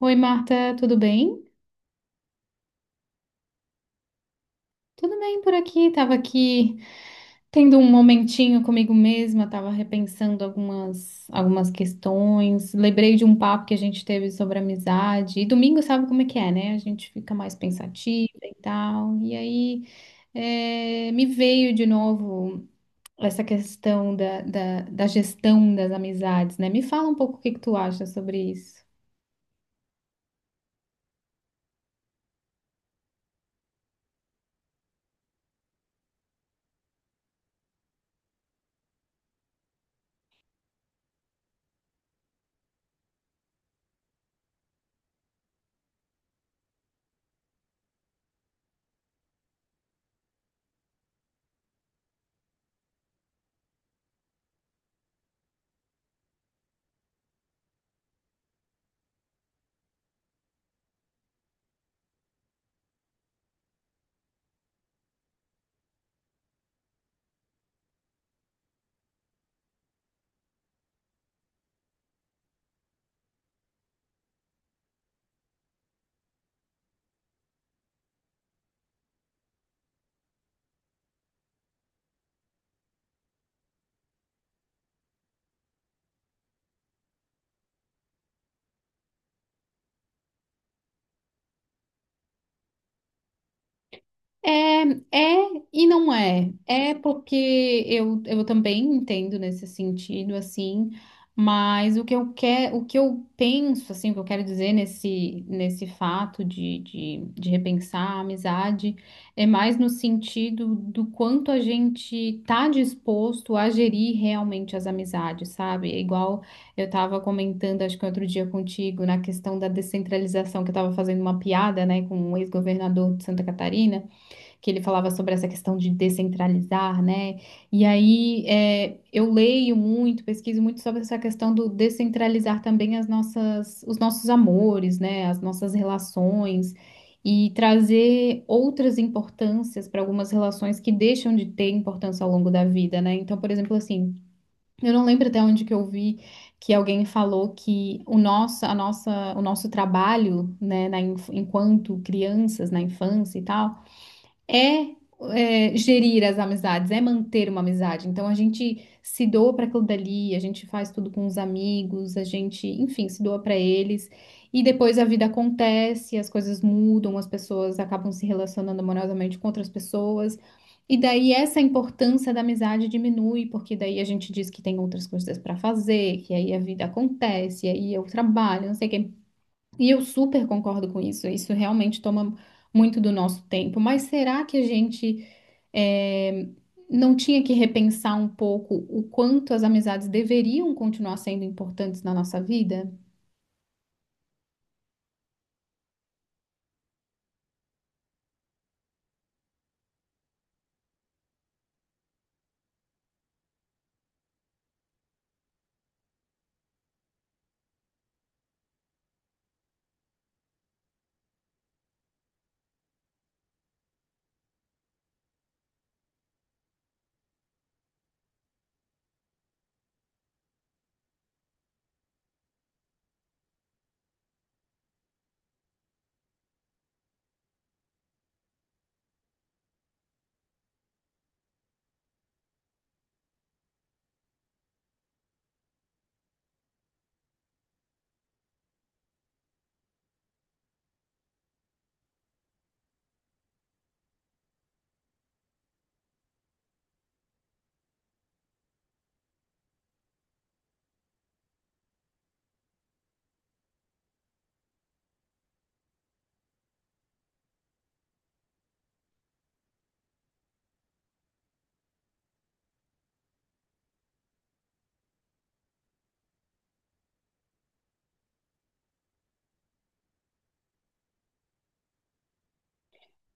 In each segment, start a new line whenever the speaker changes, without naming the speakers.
Oi, Marta, tudo bem? Tudo bem por aqui. Tava aqui tendo um momentinho comigo mesma, tava repensando algumas questões. Lembrei de um papo que a gente teve sobre amizade. E domingo sabe como é que é, né? A gente fica mais pensativa e tal. E aí é, me veio de novo essa questão da gestão das amizades, né? Me fala um pouco o que que tu acha sobre isso. É, é e não é. É porque eu também entendo nesse sentido, assim, mas o que eu quero, o que eu penso, assim, o que eu quero dizer nesse fato de repensar a amizade é mais no sentido do quanto a gente tá disposto a gerir realmente as amizades, sabe? É igual eu tava comentando, acho que outro dia contigo, na questão da descentralização, que eu tava fazendo uma piada, né, com um ex-governador de Santa Catarina que ele falava sobre essa questão de descentralizar, né? E aí é, eu leio muito, pesquiso muito sobre essa questão do descentralizar também as nossas, os nossos amores, né? As nossas relações e trazer outras importâncias para algumas relações que deixam de ter importância ao longo da vida, né? Então, por exemplo, assim, eu não lembro até onde que eu vi que alguém falou que o nosso, a nossa, o nosso trabalho, né, na, enquanto crianças, na infância e tal é, é, gerir as amizades, é manter uma amizade. Então a gente se doa para aquilo dali, a gente faz tudo com os amigos, a gente, enfim, se doa para eles. E depois a vida acontece, as coisas mudam, as pessoas acabam se relacionando amorosamente com outras pessoas. E daí essa importância da amizade diminui, porque daí a gente diz que tem outras coisas para fazer, que aí a vida acontece, aí eu trabalho, não sei o quê. E eu super concordo com isso. Isso realmente toma muito do nosso tempo. Mas será que a gente eh, não tinha que repensar um pouco o quanto as amizades deveriam continuar sendo importantes na nossa vida?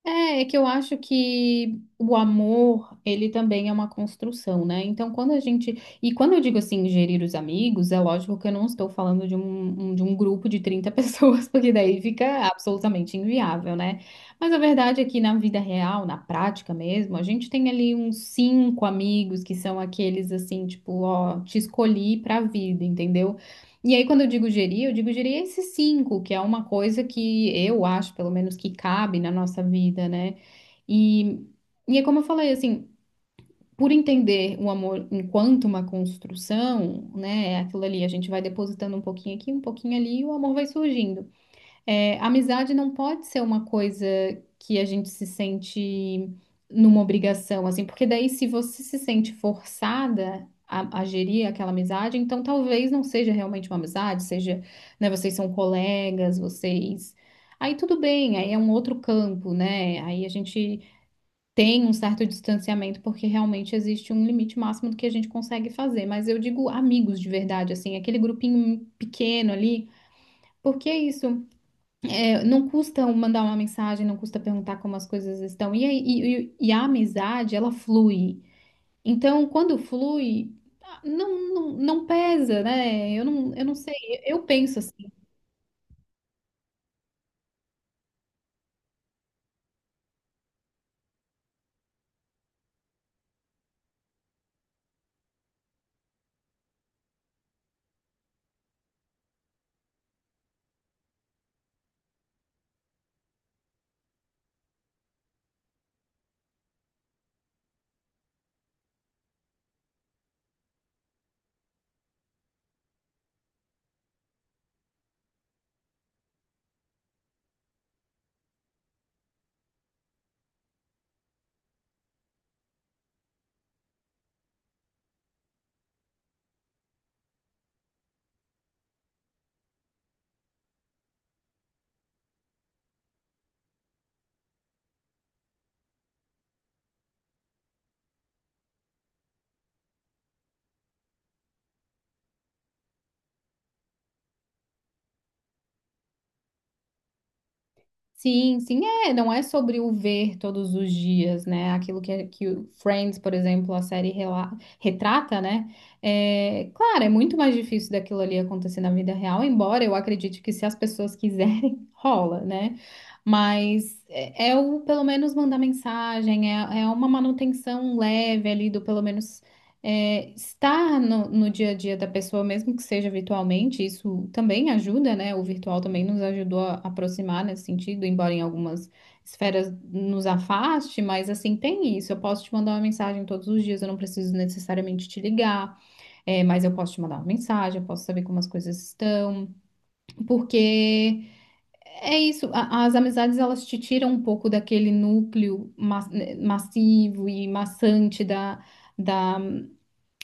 É, é que eu acho que o amor, ele também é uma construção, né? Então, quando a gente. E quando eu digo assim, gerir os amigos, é lógico que eu não estou falando de um, de um grupo de 30 pessoas, porque daí fica absolutamente inviável, né? Mas a verdade é que na vida real, na prática mesmo, a gente tem ali uns cinco amigos que são aqueles assim, tipo, ó, te escolhi pra vida, entendeu? E aí, quando eu digo gerir esses cinco, que é uma coisa que eu acho, pelo menos, que cabe na nossa vida, né? E, e é como eu falei, assim, por entender o amor enquanto uma construção, né? É aquilo ali, a gente vai depositando um pouquinho aqui, um pouquinho ali, e o amor vai surgindo. É, amizade não pode ser uma coisa que a gente se sente numa obrigação, assim, porque daí se você se sente forçada a gerir aquela amizade, então talvez não seja realmente uma amizade, seja, né, vocês são colegas, vocês. Aí tudo bem, aí é um outro campo, né? Aí a gente tem um certo distanciamento, porque realmente existe um limite máximo do que a gente consegue fazer. Mas eu digo amigos de verdade, assim, aquele grupinho pequeno ali. Porque é isso? É, não custa um mandar uma mensagem, não custa perguntar como as coisas estão. E, e, e a amizade, ela flui. Então, quando flui, ah, não pesa, né? Eu não sei. Eu penso. Sim, sim, é, não é sobre o ver todos os dias, né? Aquilo que, é, que o Friends, por exemplo, a série retrata, né? É, claro, é muito mais difícil daquilo ali acontecer na vida real, embora eu acredite que se as pessoas quiserem, rola, né? Mas é, é o pelo menos mandar mensagem, é, é uma manutenção leve ali do pelo menos é, estar no, no dia a dia da pessoa, mesmo que seja virtualmente, isso também ajuda, né? O virtual também nos ajudou a aproximar nesse sentido, embora em algumas esferas nos afaste, mas assim, tem isso. Eu posso te mandar uma mensagem todos os dias, eu não preciso necessariamente te ligar, é, mas eu posso te mandar uma mensagem, eu posso saber como as coisas estão, porque é isso, as amizades elas te tiram um pouco daquele núcleo né, massivo e maçante da. Da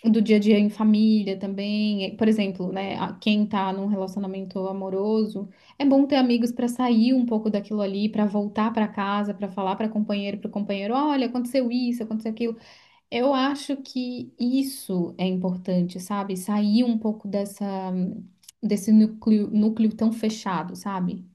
do dia a dia em família também. Por exemplo, né, quem tá num relacionamento amoroso, é bom ter amigos para sair um pouco daquilo ali, para voltar para casa, para falar para companheiro, olha, aconteceu isso, aconteceu aquilo. Eu acho que isso é importante, sabe? Sair um pouco dessa desse núcleo, núcleo tão fechado, sabe?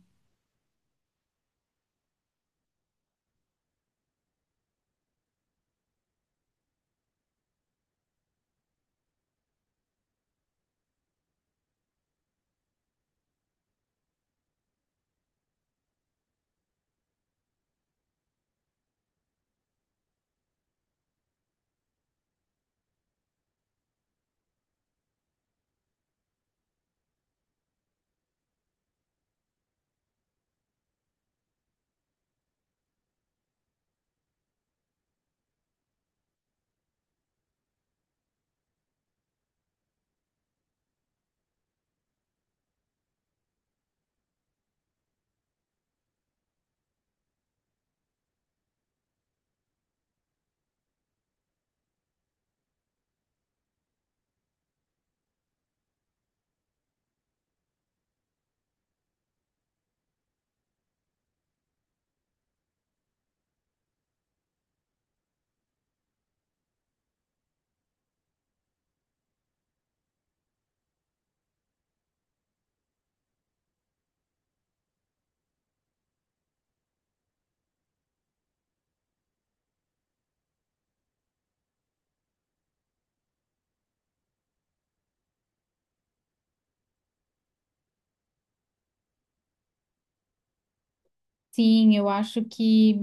Sim, eu acho que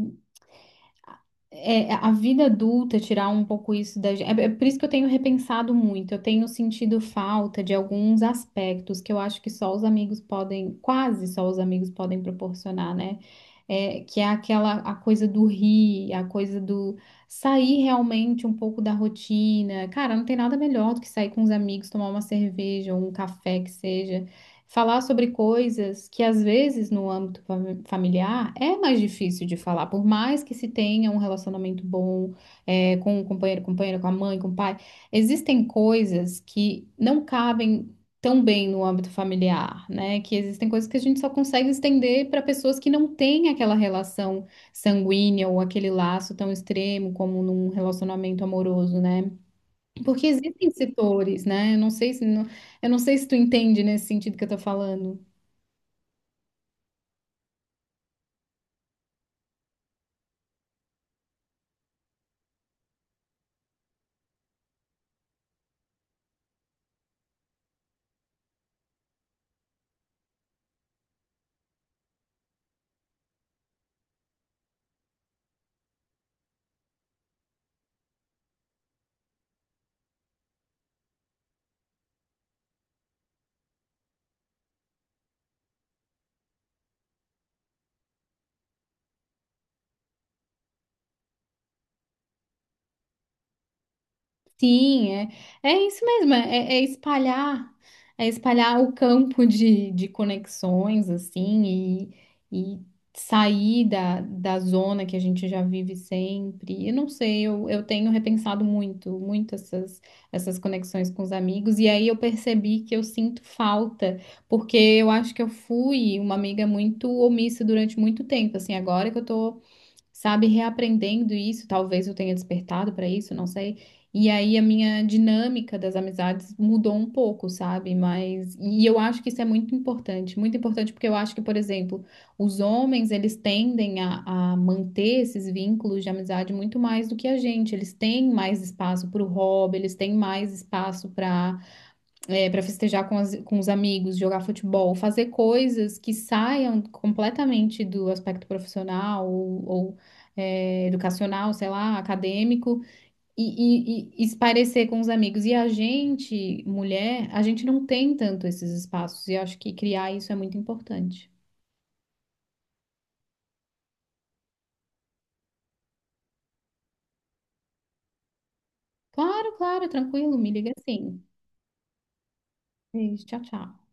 é, é, a vida adulta, tirar um pouco isso da gente. É, é por isso que eu tenho repensado muito. Eu tenho sentido falta de alguns aspectos que eu acho que só os amigos podem, quase só os amigos podem proporcionar, né? É, que é aquela a coisa do rir, a coisa do sair realmente um pouco da rotina. Cara, não tem nada melhor do que sair com os amigos, tomar uma cerveja ou um café que seja falar sobre coisas que às vezes no âmbito familiar é mais difícil de falar, por mais que se tenha um relacionamento bom é, com o companheiro, companheira, com a mãe, com o pai, existem coisas que não cabem tão bem no âmbito familiar, né? Que existem coisas que a gente só consegue estender para pessoas que não têm aquela relação sanguínea ou aquele laço tão extremo como num relacionamento amoroso, né? Porque existem setores, né? Eu não sei se tu entende nesse sentido que eu tô falando. Sim, é, é isso mesmo, é, é é espalhar o campo de conexões, assim, e sair da, da zona que a gente já vive sempre. Eu não sei, eu tenho repensado muito, muito essas conexões com os amigos, e aí eu percebi que eu sinto falta, porque eu acho que eu fui uma amiga muito omissa durante muito tempo, assim, agora que eu tô sabe, reaprendendo isso, talvez eu tenha despertado para isso, não sei. E aí a minha dinâmica das amizades mudou um pouco, sabe? Mas e eu acho que isso é muito importante porque eu acho que, por exemplo, os homens, eles tendem a manter esses vínculos de amizade muito mais do que a gente. Eles têm mais espaço para o hobby, eles têm mais espaço para é, para festejar com, com os amigos, jogar futebol, fazer coisas que saiam completamente do aspecto profissional ou, é, educacional, sei lá, acadêmico, e espairecer com os amigos. E a gente, mulher, a gente não tem tanto esses espaços, e eu acho que criar isso é muito importante. Claro, claro, tranquilo, me liga sim. Beijo, tchau, tchau.